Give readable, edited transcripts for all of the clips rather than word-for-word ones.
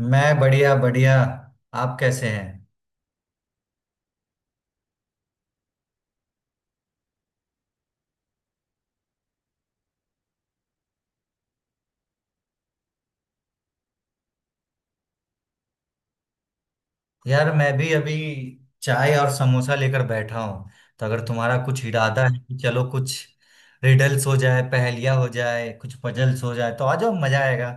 मैं बढ़िया बढ़िया। आप कैसे हैं? यार, मैं भी अभी चाय और समोसा लेकर बैठा हूँ। तो अगर तुम्हारा कुछ इरादा है कि चलो कुछ रिडल्स हो जाए, पहेलियाँ हो जाए, कुछ पजल्स हो जाए, तो आ जाओ, मजा आएगा।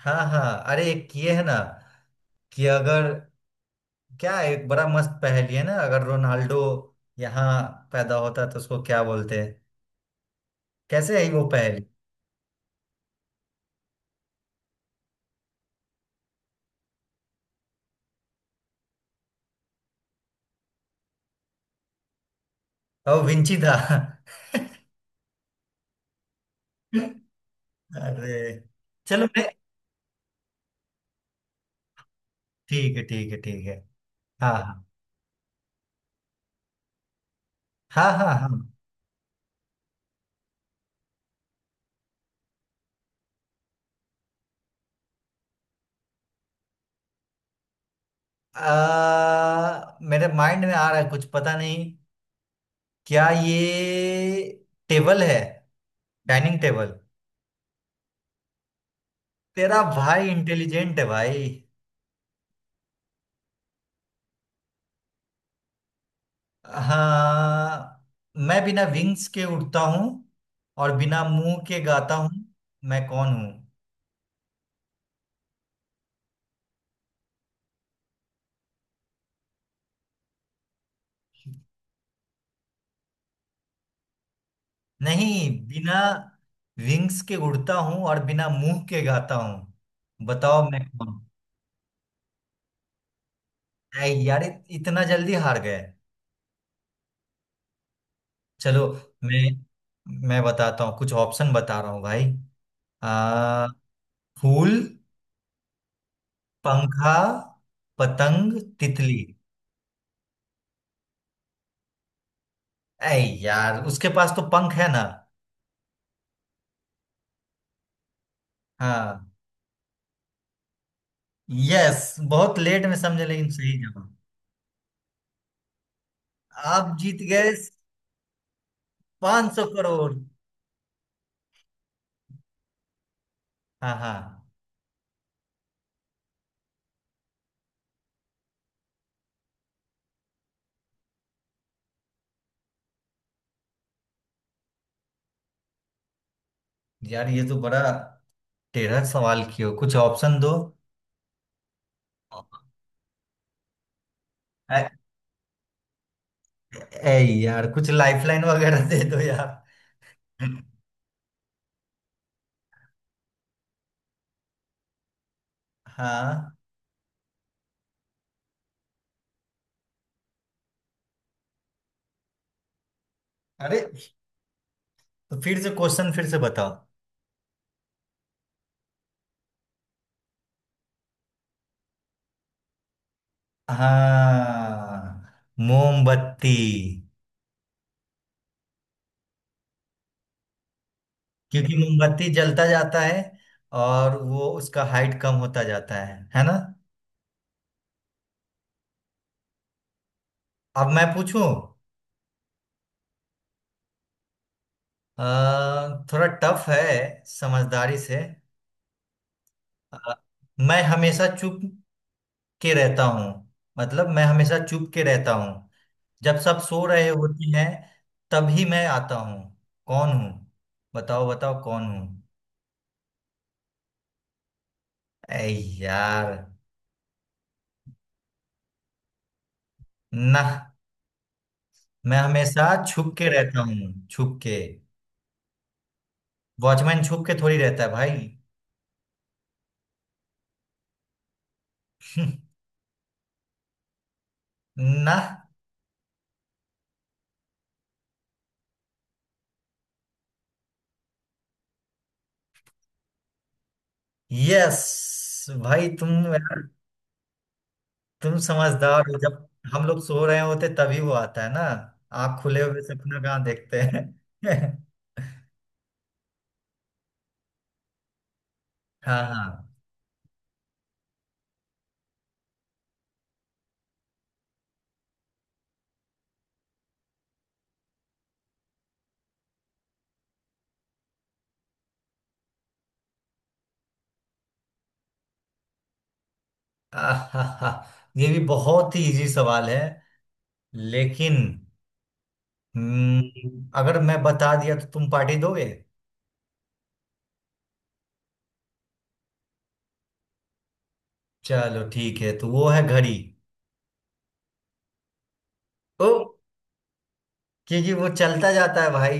हाँ हाँ, अरे एक ये है ना कि अगर क्या है, एक बड़ा मस्त पहेली है ना, अगर रोनाल्डो यहाँ पैदा होता तो उसको क्या बोलते हैं? कैसे है वो पहेली? ओ विंची था। अरे, चलो मैं ठीक है, ठीक है, ठीक है। हाँ हाँ हाँ, हाँ हाँ। मेरे माइंड में आ रहा है कुछ, पता नहीं। क्या ये टेबल है? Dining table. तेरा भाई इंटेलिजेंट है भाई। हाँ। मैं बिना विंग्स के उड़ता हूँ और बिना मुंह के गाता हूँ। मैं कौन हूँ? नहीं, बिना विंग्स के उड़ता हूँ और बिना मुंह के गाता हूँ। बताओ मैं कौन हूँ? ऐ यार, इतना जल्दी हार गए? चलो, मैं मैं बताता हूँ। कुछ ऑप्शन बता रहा हूँ भाई। आ, फूल, पंखा, पतंग, तितली। ऐ यार, उसके पास तो पंख है ना। हाँ। यस, बहुत लेट में समझे लेकिन सही जवाब। आप जीत गए 500 करोड़। हाँ हाँ, यार ये तो बड़ा टेढ़ा सवाल किया। कुछ ऑप्शन दो। ऐ, ऐ यार, कुछ लाइफलाइन वगैरह दे दो यार। हाँ। अरे, तो फिर से क्वेश्चन, फिर से बताओ। हाँ, मोमबत्ती। क्योंकि मोमबत्ती जलता जाता है और वो उसका हाइट कम होता जाता है ना। अब मैं पूछूं। थोड़ा टफ है, समझदारी से। अ, मैं हमेशा चुप के रहता हूँ। मतलब मैं हमेशा चुप के रहता हूँ। जब सब सो रहे होते हैं तभी मैं आता हूँ। कौन हूँ? बताओ बताओ कौन हूँ? ऐ यार, ना। मैं हमेशा छुप के रहता हूँ, छुप के। वॉचमैन छुप के थोड़ी रहता है भाई। ना। यस। भाई तुम यार, तुम समझदार हो। जब हम लोग सो रहे होते तभी वो आता है ना। आँख खुले हुए सपना कहाँ देखते हैं? हाँ हाँ। आहाहा, ये भी बहुत ही इजी सवाल है लेकिन। अगर मैं बता दिया तो तुम पार्टी दोगे? चलो ठीक है, तो वो है घड़ी। ओ। क्योंकि वो चलता जाता है भाई,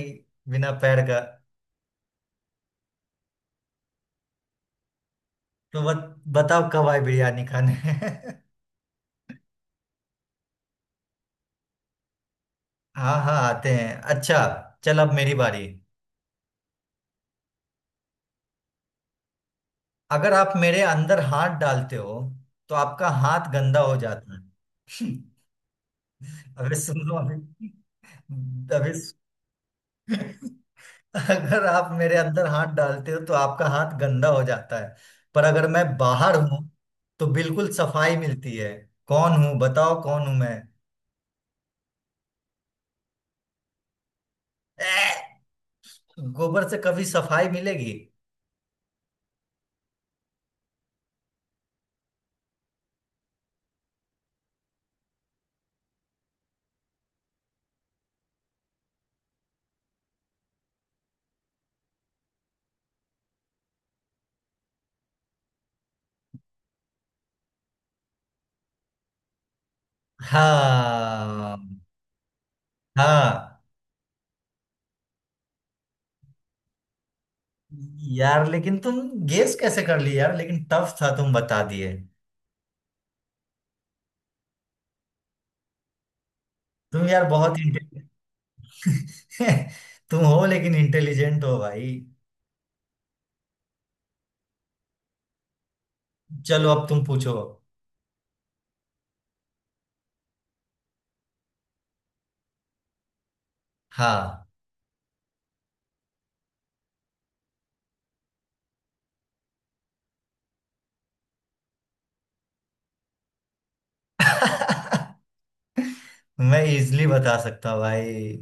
बिना पैर का। तो बताओ कब आए बिरयानी खाने? हाँ हाँ, आते हैं अच्छा। चल, अब मेरी बारी। अगर आप मेरे अंदर हाथ डालते हो तो आपका हाथ गंदा हो जाता है। अबे सुन लो अभी। अबे। अगर आप मेरे अंदर हाथ डालते हो तो आपका हाथ गंदा हो जाता है। पर अगर मैं बाहर हूं तो बिल्कुल सफाई मिलती है। कौन हूं? बताओ कौन हूं मैं? ए, गोबर से कभी सफाई मिलेगी? हाँ। हाँ यार, लेकिन तुम गेस कैसे कर लिए यार? लेकिन टफ था, तुम बता दिए। तुम यार बहुत इंटेलिजेंट। तुम हो, लेकिन इंटेलिजेंट हो भाई। चलो, अब तुम पूछो। हाँ। मैं इजली बता सकता हूँ भाई।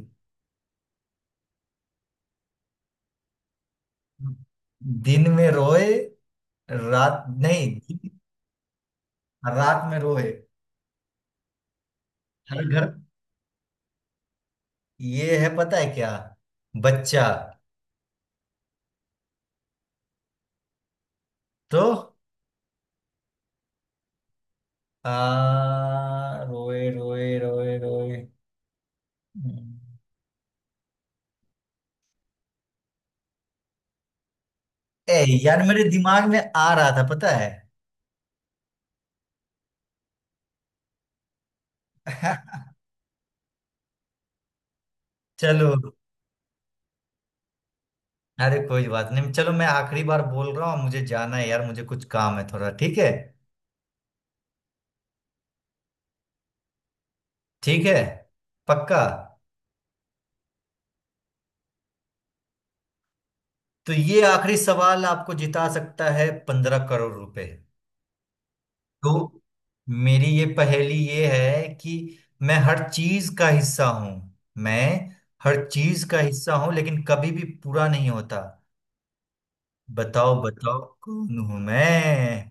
दिन में रोए, रात नहीं, रात में रोए, हर घर। ये है, पता है क्या? बच्चा। तो रोए, रोए, रोए, रोए। ए यार, मेरे दिमाग में आ रहा था, पता है। चलो। अरे कोई बात नहीं। चलो, मैं आखिरी बार बोल रहा हूँ, मुझे जाना है यार, मुझे कुछ काम है थोड़ा, ठीक है? ठीक है, पक्का। तो ये आखिरी सवाल आपको जिता सकता है 15 करोड़ रुपए। तो मेरी ये पहेली ये है कि मैं हर चीज का हिस्सा हूं। मैं हर चीज का हिस्सा हूं लेकिन कभी भी पूरा नहीं होता। बताओ बताओ कौन हूं मैं?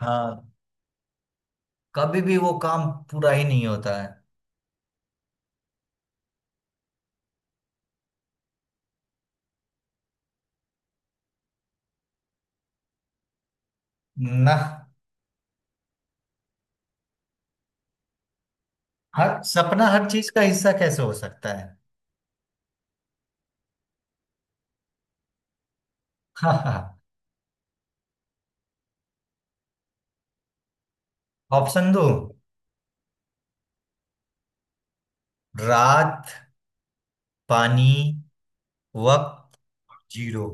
हाँ, कभी भी वो काम पूरा ही नहीं होता है ना। हर सपना हर चीज का हिस्सा कैसे हो सकता है? हाँ हाँ हाँ। ऑप्शन दो। रात, पानी, वक्त, जीरो।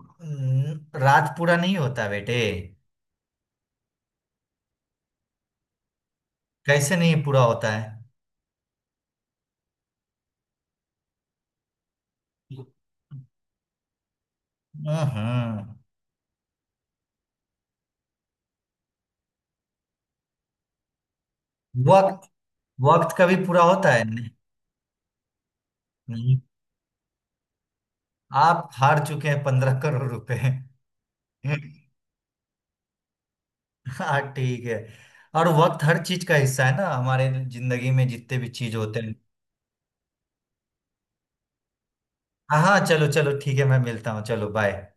रात पूरा नहीं होता बेटे। कैसे नहीं पूरा होता है? हम्म हम्म। वक्त। वक्त कभी पूरा होता है नहीं। नहीं। आप हार चुके हैं 15 करोड़ रुपए। हाँ ठीक है। और वक्त हर चीज का हिस्सा है ना, हमारे जिंदगी में जितने भी चीज होते हैं। हाँ हाँ, चलो चलो ठीक है, मैं मिलता हूँ। चलो बाय।